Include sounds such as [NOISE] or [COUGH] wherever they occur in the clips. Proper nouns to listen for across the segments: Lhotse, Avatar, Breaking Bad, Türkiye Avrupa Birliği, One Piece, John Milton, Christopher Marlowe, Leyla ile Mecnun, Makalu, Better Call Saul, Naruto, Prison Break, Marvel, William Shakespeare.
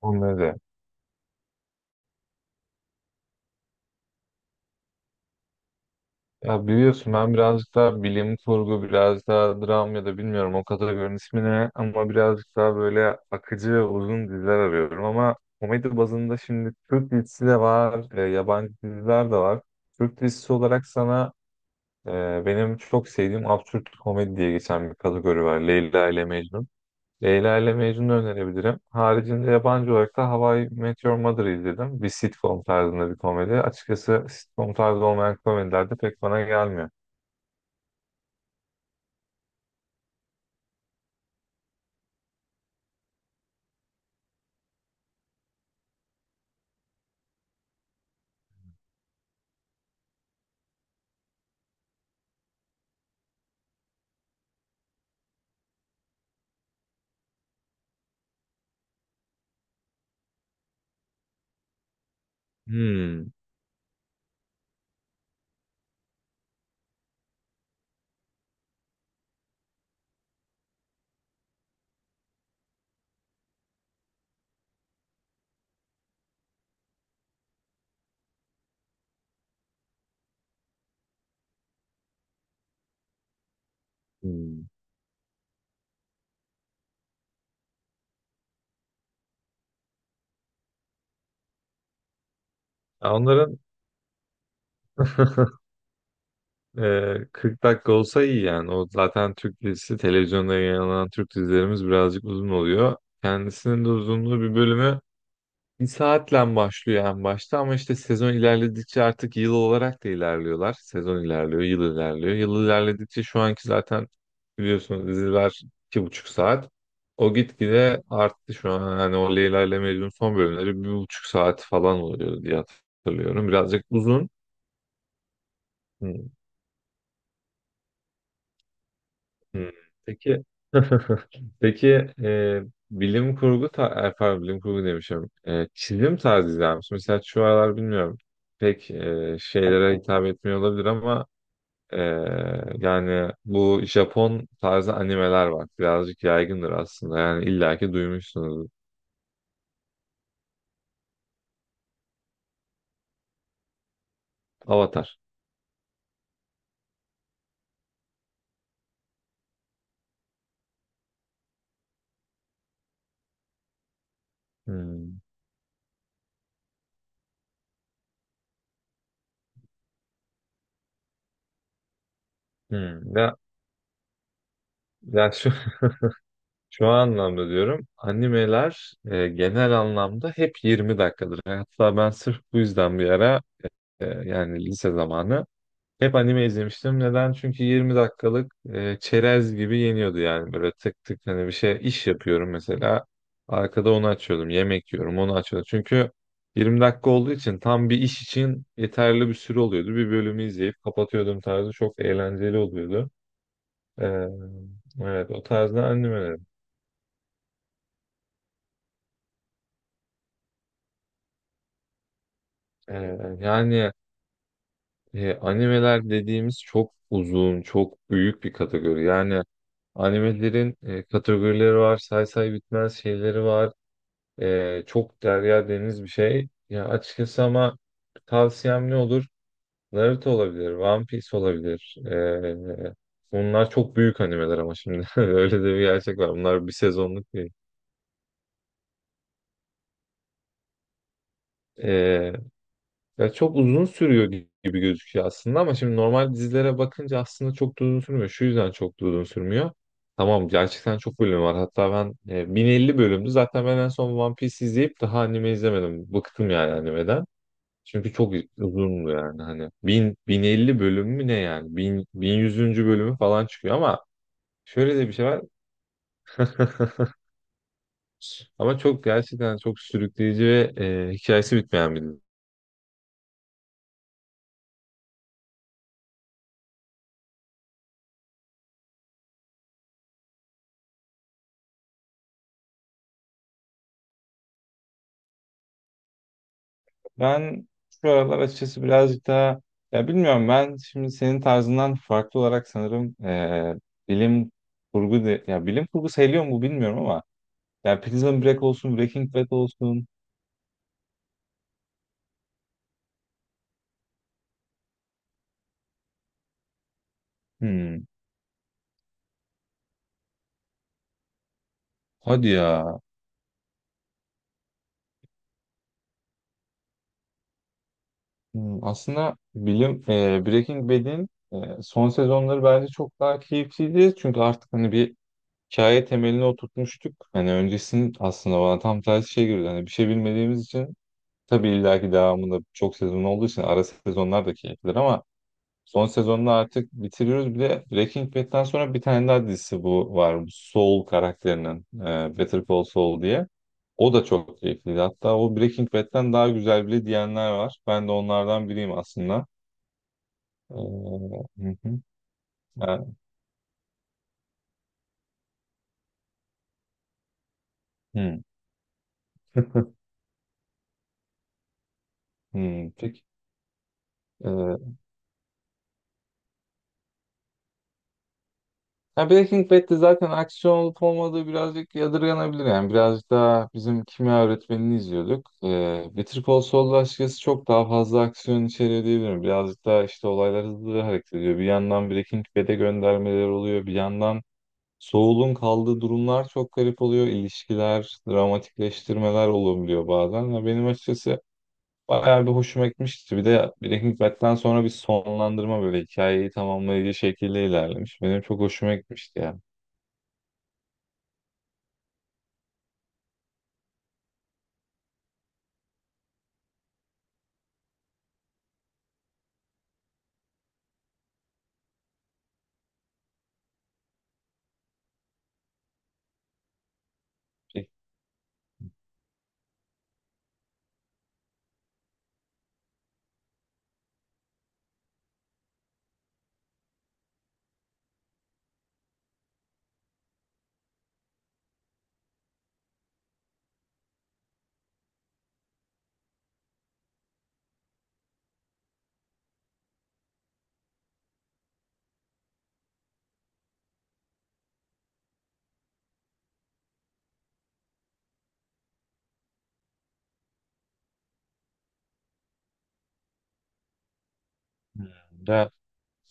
Onları. Ya biliyorsun ben birazcık daha bilim kurgu, biraz daha dram ya da bilmiyorum o kategorinin ismi ne ama birazcık daha böyle akıcı ve uzun diziler arıyorum ama komedi bazında şimdi Türk dizisi de var, yabancı diziler de var. Türk dizisi olarak sana benim çok sevdiğim absürt komedi diye geçen bir kategori var. Leyla ile Mecnun. Leyla ile Mecnun'u önerebilirim. Haricinde yabancı olarak da How I Met Your Mother'ı izledim. Bir sitcom tarzında bir komedi. Açıkçası sitcom tarzı olmayan komediler de pek bana gelmiyor. Hmm. Hmm. Ya onların [LAUGHS] 40 dakika olsa iyi yani. O zaten Türk dizisi, televizyonda yayınlanan Türk dizilerimiz birazcık uzun oluyor. Kendisinin de uzunluğu bir bölümü bir saatle başlıyor en başta ama işte sezon ilerledikçe artık yıl olarak da ilerliyorlar. Sezon ilerliyor, yıl ilerliyor. Yıl ilerledikçe şu anki zaten biliyorsunuz diziler 2,5 saat. O gitgide arttı şu an. Hani o Leyla ile Mecnun son bölümleri 1,5 saat falan oluyor diye hatırlıyorum. Birazcık uzun. Hmm, peki [LAUGHS] peki e, bilim kurgu, pardon, bilim kurgu demişim. Çizim tarzı izler misin? Mesela şu aralar bilmiyorum. Pek şeylere hitap etmiyor olabilir ama e, yani bu Japon tarzı animeler var. Birazcık yaygındır aslında. Yani illaki duymuşsunuz. Avatar. Hmm. Hmm. Ya şu, [LAUGHS] şu anlamda diyorum. Animeler genel anlamda hep 20 dakikadır. Hatta ben sırf bu yüzden bir ara, yani lise zamanı. Hep anime izlemiştim. Neden? Çünkü 20 dakikalık çerez gibi yeniyordu yani böyle tık tık hani bir şey iş yapıyorum mesela. Arkada onu açıyordum. Yemek yiyorum onu açıyordum. Çünkü 20 dakika olduğu için tam bir iş için yeterli bir süre oluyordu. Bir bölümü izleyip kapatıyordum tarzı çok eğlenceli oluyordu. Ee, evet o tarzda animelerim. Ee, yani animeler dediğimiz çok uzun, çok büyük bir kategori. Yani animelerin kategorileri var, say say bitmez şeyleri var. Çok derya deniz bir şey. Ya açıkçası ama tavsiyem ne olur? Naruto olabilir, One Piece olabilir. Bunlar çok büyük animeler ama şimdi [LAUGHS] öyle de bir gerçek var. Bunlar bir sezonluk değil. E, Ya çok uzun sürüyor gibi gözüküyor aslında ama şimdi normal dizilere bakınca aslında çok da uzun sürmüyor. Şu yüzden çok da uzun sürmüyor. Tamam gerçekten çok bölüm var. Hatta ben 1050 bölümdü. Zaten ben en son One Piece izleyip daha anime izlemedim. Bıktım yani animeden. Çünkü çok uzundu yani hani. 1000, 1050 bölüm mü ne yani? 1000, 1100. bölümü falan çıkıyor ama şöyle de bir şey var. [LAUGHS] Ama çok gerçekten çok sürükleyici ve hikayesi bitmeyen bir dizi. Ben şu aralar açıkçası birazcık daha ya bilmiyorum ben şimdi senin tarzından farklı olarak sanırım bilim kurgu, ya bilim kurgu sayılıyor mu bilmiyorum ama ya Prison Break olsun Breaking Bad olsun. Hmm, hadi ya. Hmm, aslında bilim Breaking Bad'in son sezonları bence çok daha keyifliydi çünkü artık hani bir hikaye temelini oturtmuştuk hani öncesinin aslında bana tam tersi şey görüyordu hani bir şey bilmediğimiz için. Tabii illaki devamında çok sezon olduğu için ara sezonlar da keyiflidir ama son sezonunu artık bitiriyoruz. Bir de Breaking Bad'den sonra bir tane daha dizisi bu var. Bu Saul karakterinin Better Call Saul diye. O da çok keyifliydi. Hatta o Breaking Bad'den daha güzel bile diyenler var. Ben de onlardan biriyim aslında. Hı hı. Ha, hı. [LAUGHS] Hmm, peki. E, Ya Breaking Bad'de zaten aksiyon olup olmadığı birazcık yadırganabilir yani. Birazcık daha bizim kimya öğretmenini izliyorduk. Better Call Saul'da açıkçası çok daha fazla aksiyon içeriyor diyebilirim. Birazcık daha işte olaylar hızlı hareket ediyor. Bir yandan Breaking Bad'e göndermeler oluyor. Bir yandan Saul'un kaldığı durumlar çok garip oluyor. İlişkiler, dramatikleştirmeler olabiliyor bazen. Ya benim açıkçası bayağı bir hoşuma gitmişti. Bir de Breaking Bad'den sonra bir sonlandırma böyle hikayeyi tamamlayıcı şekilde ilerlemiş. Benim çok hoşuma gitmişti ya. Ya,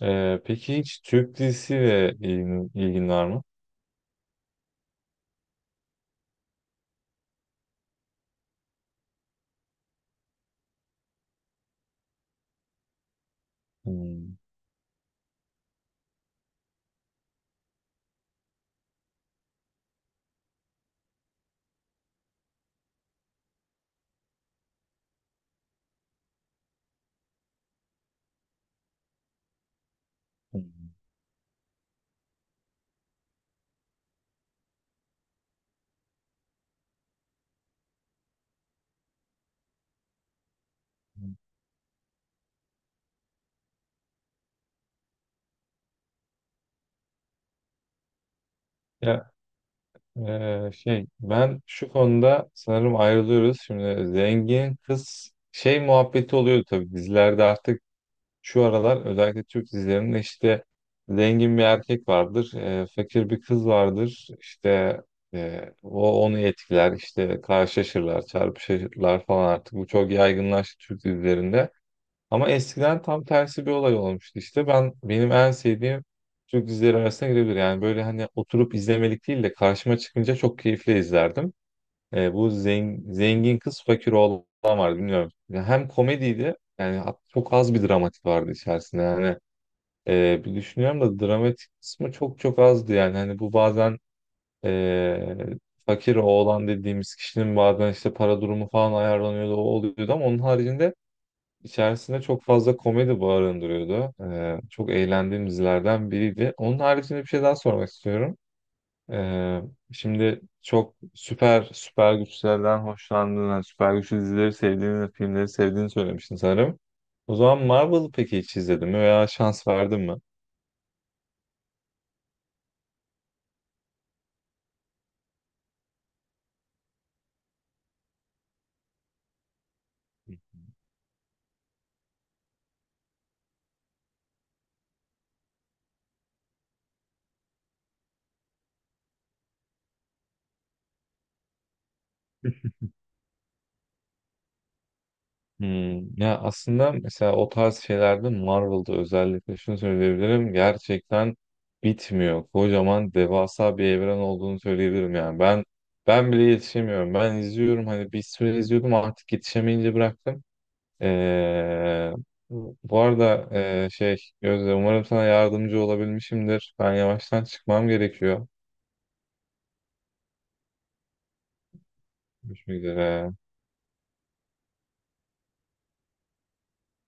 peki hiç Türk dizisiyle ilgin var mı? Hmm. Ya ben şu konuda sanırım ayrılıyoruz. Şimdi zengin kız şey muhabbeti oluyor tabii dizilerde artık şu aralar özellikle Türk dizilerinde işte zengin bir erkek vardır, fakir bir kız vardır. İşte o onu etkiler, işte karşılaşırlar, çarpışırlar falan artık. Bu çok yaygınlaştı Türk dizilerinde. Ama eskiden tam tersi bir olay olmuştu işte. Benim en sevdiğim Türk dizileri arasına girebilir. Yani böyle hani oturup izlemelik değil de karşıma çıkınca çok keyifle izlerdim. Bu zengin kız fakir oğlan vardı bilmiyorum. Ya hem komediydi yani çok az bir dramatik vardı içerisinde. Yani bir düşünüyorum da dramatik kısmı çok çok azdı yani. Hani bu bazen e, fakir oğlan dediğimiz kişinin bazen işte para durumu falan ayarlanıyordu o oluyordu ama onun haricinde İçerisinde çok fazla komedi barındırıyordu. Çok eğlendiğim dizilerden biriydi. Onun haricinde bir şey daha sormak istiyorum. Ee, Şimdi çok süper süper güçlerden hoşlandığını, süper güçlü dizileri sevdiğini, filmleri sevdiğini söylemiştin sanırım. O zaman Marvel'ı peki hiç izledin mi veya şans verdin mi? [LAUGHS] Hmm, ya aslında mesela o tarz şeylerde Marvel'da özellikle şunu söyleyebilirim gerçekten bitmiyor. Kocaman devasa bir evren olduğunu söyleyebilirim yani. Ben bile yetişemiyorum. Ben izliyorum hani bir süre izliyordum artık yetişemeyince bıraktım. Ee, Bu arada e, şey Gözde umarım sana yardımcı olabilmişimdir. Ben yavaştan çıkmam gerekiyor. Görüşmek üzere.